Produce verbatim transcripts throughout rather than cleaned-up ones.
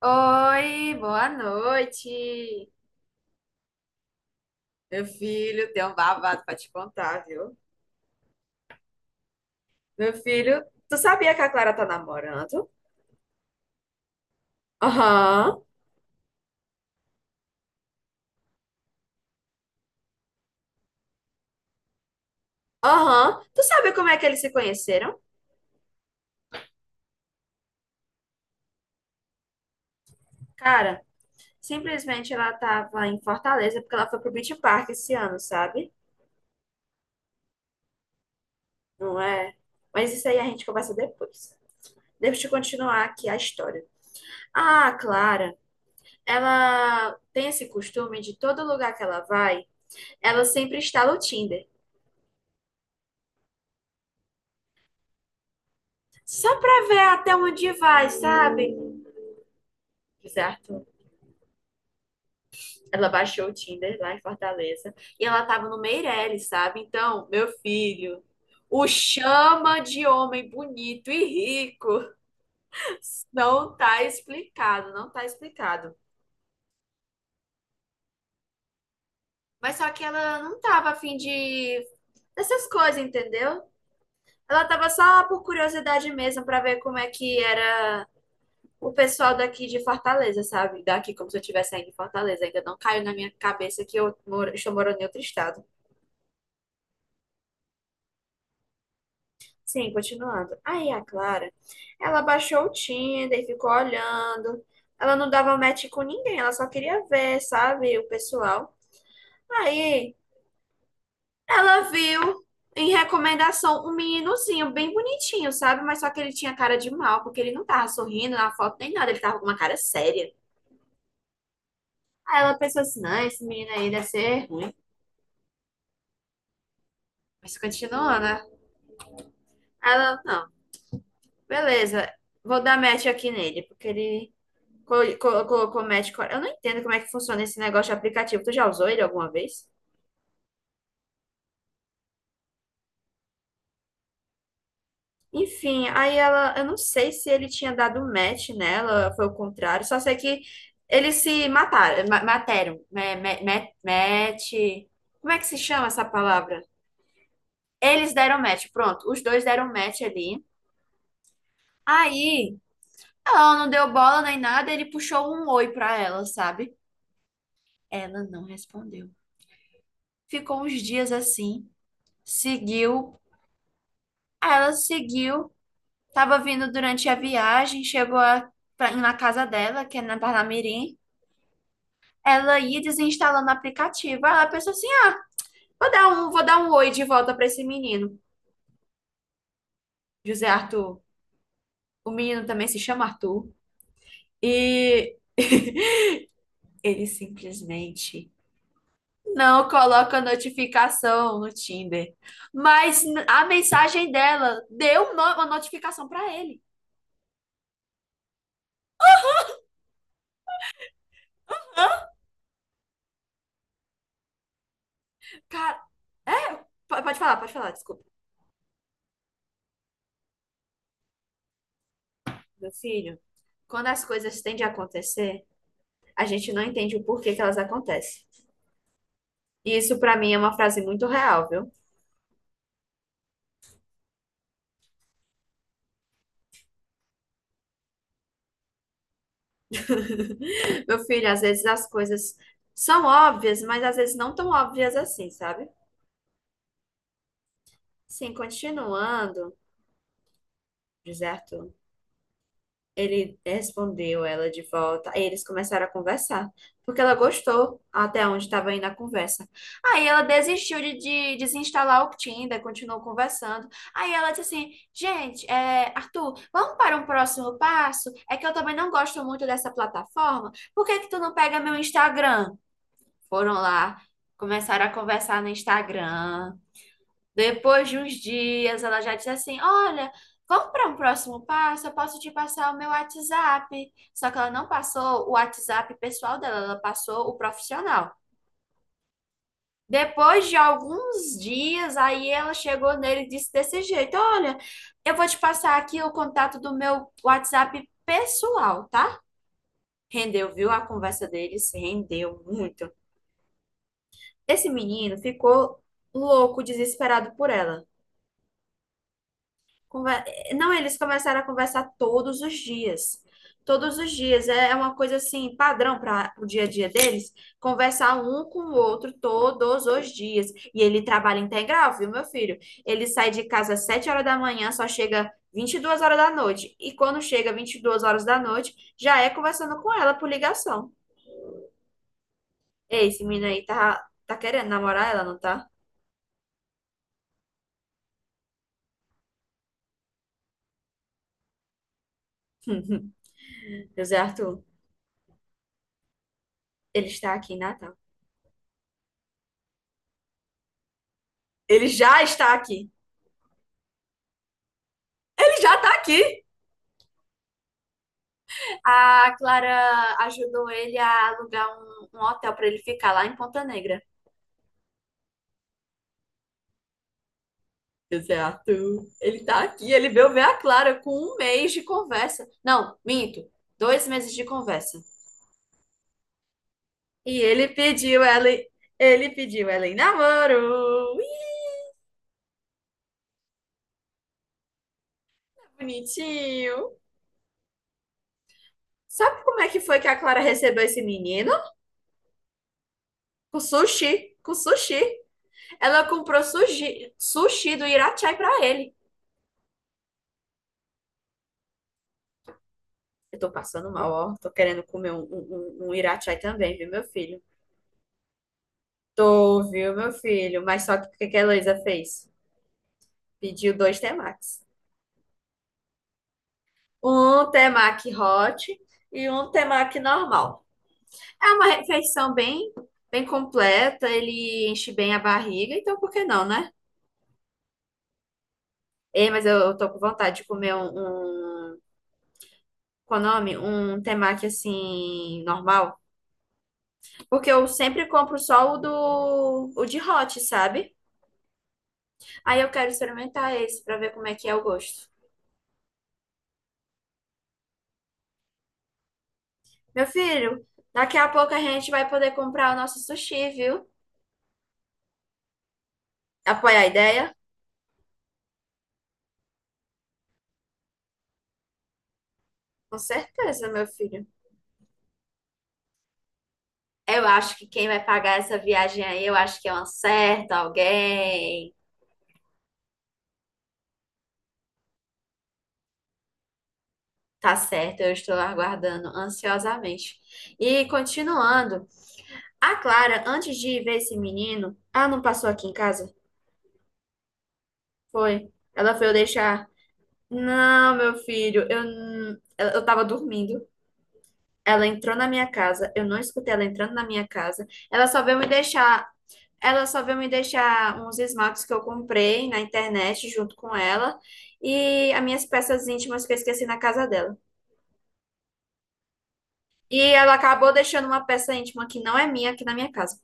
Oi, boa noite. Meu filho, tem um babado pra te contar, viu? Meu filho, tu sabia que a Clara tá namorando? Aham, aham. Tu sabe como é que eles se conheceram? Cara, simplesmente ela tava em Fortaleza porque ela foi pro Beach Park esse ano, sabe? Não é? Mas isso aí a gente conversa depois. Deixa eu continuar aqui a história. Ah, a Clara, ela tem esse costume de todo lugar que ela vai, ela sempre instala o Tinder. Só pra ver até onde vai, sabe? Certo? Ela baixou o Tinder lá em Fortaleza e ela tava no Meirelles, sabe? Então, meu filho, o chama de homem bonito e rico não tá explicado, não tá explicado. Mas só que ela não tava afim de dessas coisas, entendeu? Ela tava só por curiosidade mesmo pra ver como é que era o pessoal daqui de Fortaleza, sabe? Daqui, como se eu estivesse saindo de Fortaleza. Ainda não caiu na minha cabeça que eu moro, estou morando em outro estado. Sim, continuando. Aí a Clara, ela baixou o Tinder, e ficou olhando. Ela não dava match com ninguém, ela só queria ver, sabe, o pessoal. Aí ela viu em recomendação um meninozinho bem bonitinho, sabe? Mas só que ele tinha cara de mal, porque ele não tava sorrindo na foto nem nada, ele tava com uma cara séria. Aí ela pensou assim: não, esse menino aí deve ser ruim. Mas continua, né? Ela, não, beleza, vou dar match aqui nele, porque ele col- col- colocou match. co- Eu não entendo como é que funciona esse negócio de aplicativo. Tu já usou ele alguma vez? Enfim, aí ela, eu não sei se ele tinha dado match nela, foi o contrário, só sei que eles se mataram, ma- mataram, ma- ma- ma- match. Como é que se chama essa palavra? Eles deram match, pronto, os dois deram match ali. Aí, ela não deu bola nem nada, ele puxou um oi pra ela, sabe? Ela não respondeu. Ficou uns dias assim, seguiu, aí ela seguiu, estava vindo durante a viagem, chegou a- pra- na casa dela, que é na Parnamirim. Ela ia desinstalando o aplicativo. Aí ela pensou assim: ah, vou dar um, vou dar um oi de volta para esse menino, José Arthur. O menino também se chama Arthur. E ele simplesmente não coloca notificação no Tinder. Mas a mensagem dela deu uma notificação para ele. Cara, é? po- Pode falar, pode falar, desculpa. Meu filho, quando as coisas tendem a acontecer, a gente não entende o porquê que elas acontecem. E isso pra mim é uma frase muito real, viu? Meu filho, às vezes as coisas são óbvias, mas às vezes não tão óbvias assim, sabe? Sim, continuando, deserto. Ele respondeu ela de volta. Aí eles começaram a conversar, porque ela gostou até onde estava indo a conversa. Aí ela desistiu de, de desinstalar o Tinder, continuou conversando. Aí ela disse assim: Gente, é, Arthur, vamos para um próximo passo? É que eu também não gosto muito dessa plataforma. Por que que tu não pega meu Instagram? Foram lá, começaram a conversar no Instagram. Depois de uns dias, ela já disse assim: Olha, vamos para um próximo passo, eu posso te passar o meu WhatsApp. Só que ela não passou o WhatsApp pessoal dela, ela passou o profissional. Depois de alguns dias, aí ela chegou nele e disse desse jeito: Olha, eu vou te passar aqui o contato do meu WhatsApp pessoal, tá? Rendeu, viu? A conversa deles rendeu muito. Esse menino ficou louco, desesperado por ela. Conver- eh, Não, eles começaram a conversar todos os dias. Todos os dias. É é uma coisa assim, padrão para o dia a dia deles, conversar um com o outro todos os dias. E ele trabalha integral, viu, meu filho? Ele sai de casa às sete horas da manhã, só chega vinte e duas horas da noite. E quando chega vinte e duas horas da noite, já é conversando com ela por ligação. Ei, esse menino aí tá, tá querendo namorar ela, não tá? José Arthur, ele está aqui em Natal. Ele já está aqui. Ele já tá aqui. a Clara ajudou ele a alugar um, um hotel para ele ficar lá em Ponta Negra. Exato. Ele tá aqui, ele veio ver a Clara com um mês de conversa. Não, minto, dois meses de conversa. E ele pediu ela, em- ele pediu ela em namoro. Ih, bonitinho. Sabe como é que foi que a Clara recebeu esse menino? Com sushi, com sushi. Ela comprou sushi, sushi do Irachai pra ele. Eu tô passando mal, ó. Tô querendo comer um, um, um um irachai também, viu, meu filho? Tô, viu, meu filho? Mas só que o que que a Heloísa fez? Pediu dois temakis. Um temaki hot e um temaki normal. É uma refeição bem, bem completa, ele enche bem a barriga, então por que não, né? Ei, mas eu, eu tô com vontade de comer um, um, qual é o nome? Um temaki assim, normal. Porque eu sempre compro só o do, o de hot, sabe? Aí eu quero experimentar esse pra ver como é que é o gosto. Meu filho, daqui a pouco a gente vai poder comprar o nosso sushi, viu? Apoia a ideia? Com certeza, meu filho. Eu acho que quem vai pagar essa viagem aí, eu acho que é um certo alguém. Tá certo, eu estou aguardando ansiosamente. E continuando, a Clara, antes de ir ver esse menino, ah, não passou aqui em casa? Foi. Ela foi eu deixar. Não, meu filho, eu, n- eu eu tava dormindo. Ela entrou na minha casa, eu não escutei ela entrando na minha casa. Ela só veio me deixar, ela só veio me deixar uns esmaltes que eu comprei na internet junto com ela e as minhas peças íntimas que eu esqueci na casa dela. E ela acabou deixando uma peça íntima que não é minha aqui na minha casa.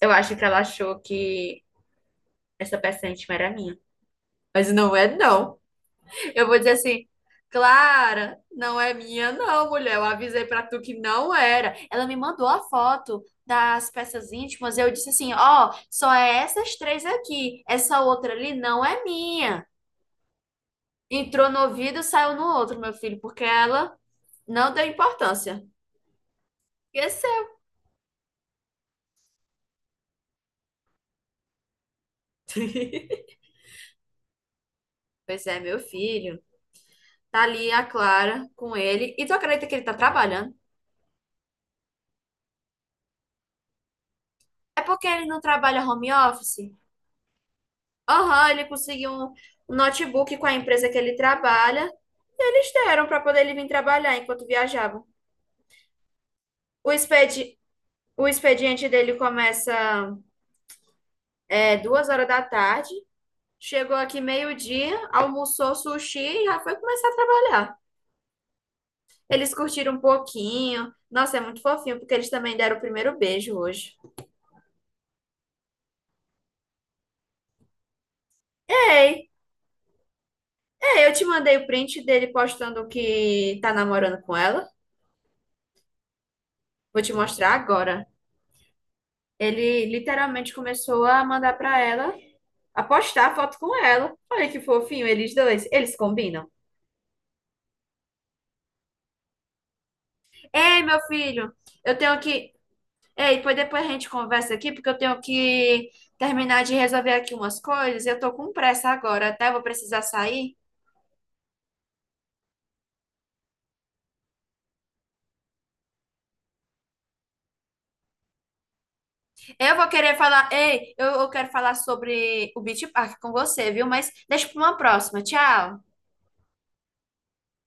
Eu acho que ela achou que essa peça íntima era minha, mas não é não. Eu vou dizer assim, Clara, não é minha, não, mulher. Eu avisei pra tu que não era. Ela me mandou a foto das peças íntimas. e Eu disse assim: ó, só é essas três aqui. Essa outra ali não é minha. Entrou no ouvido, saiu no outro, meu filho, porque ela não deu importância. Esqueceu. Pois é, meu filho. Tá ali a Clara com ele. E tu acredita que ele tá trabalhando? É porque ele não trabalha home office? Aham, ele conseguiu um um notebook com a empresa que ele trabalha. E eles deram para poder ele vir trabalhar enquanto viajava. O expedi- o expediente dele começa é, duas horas da tarde. Chegou aqui meio-dia, almoçou sushi e já foi começar a trabalhar. Eles curtiram um pouquinho. Nossa, é muito fofinho, porque eles também deram o primeiro beijo hoje. Ei, ei, eu te mandei o print dele postando que tá namorando com ela. Vou te mostrar agora. Ele literalmente começou a mandar pra ela, a postar foto com ela. Olha que fofinho, eles dois. Eles combinam. Ei, meu filho, eu tenho que. Ei, pois depois a gente conversa aqui, porque eu tenho que terminar de resolver aqui umas coisas. Eu tô com pressa agora, tá? Eu vou precisar sair. Eu vou querer falar. Ei, eu, eu quero falar sobre o Beach Park com você, viu? Mas deixa pra uma próxima. Tchau.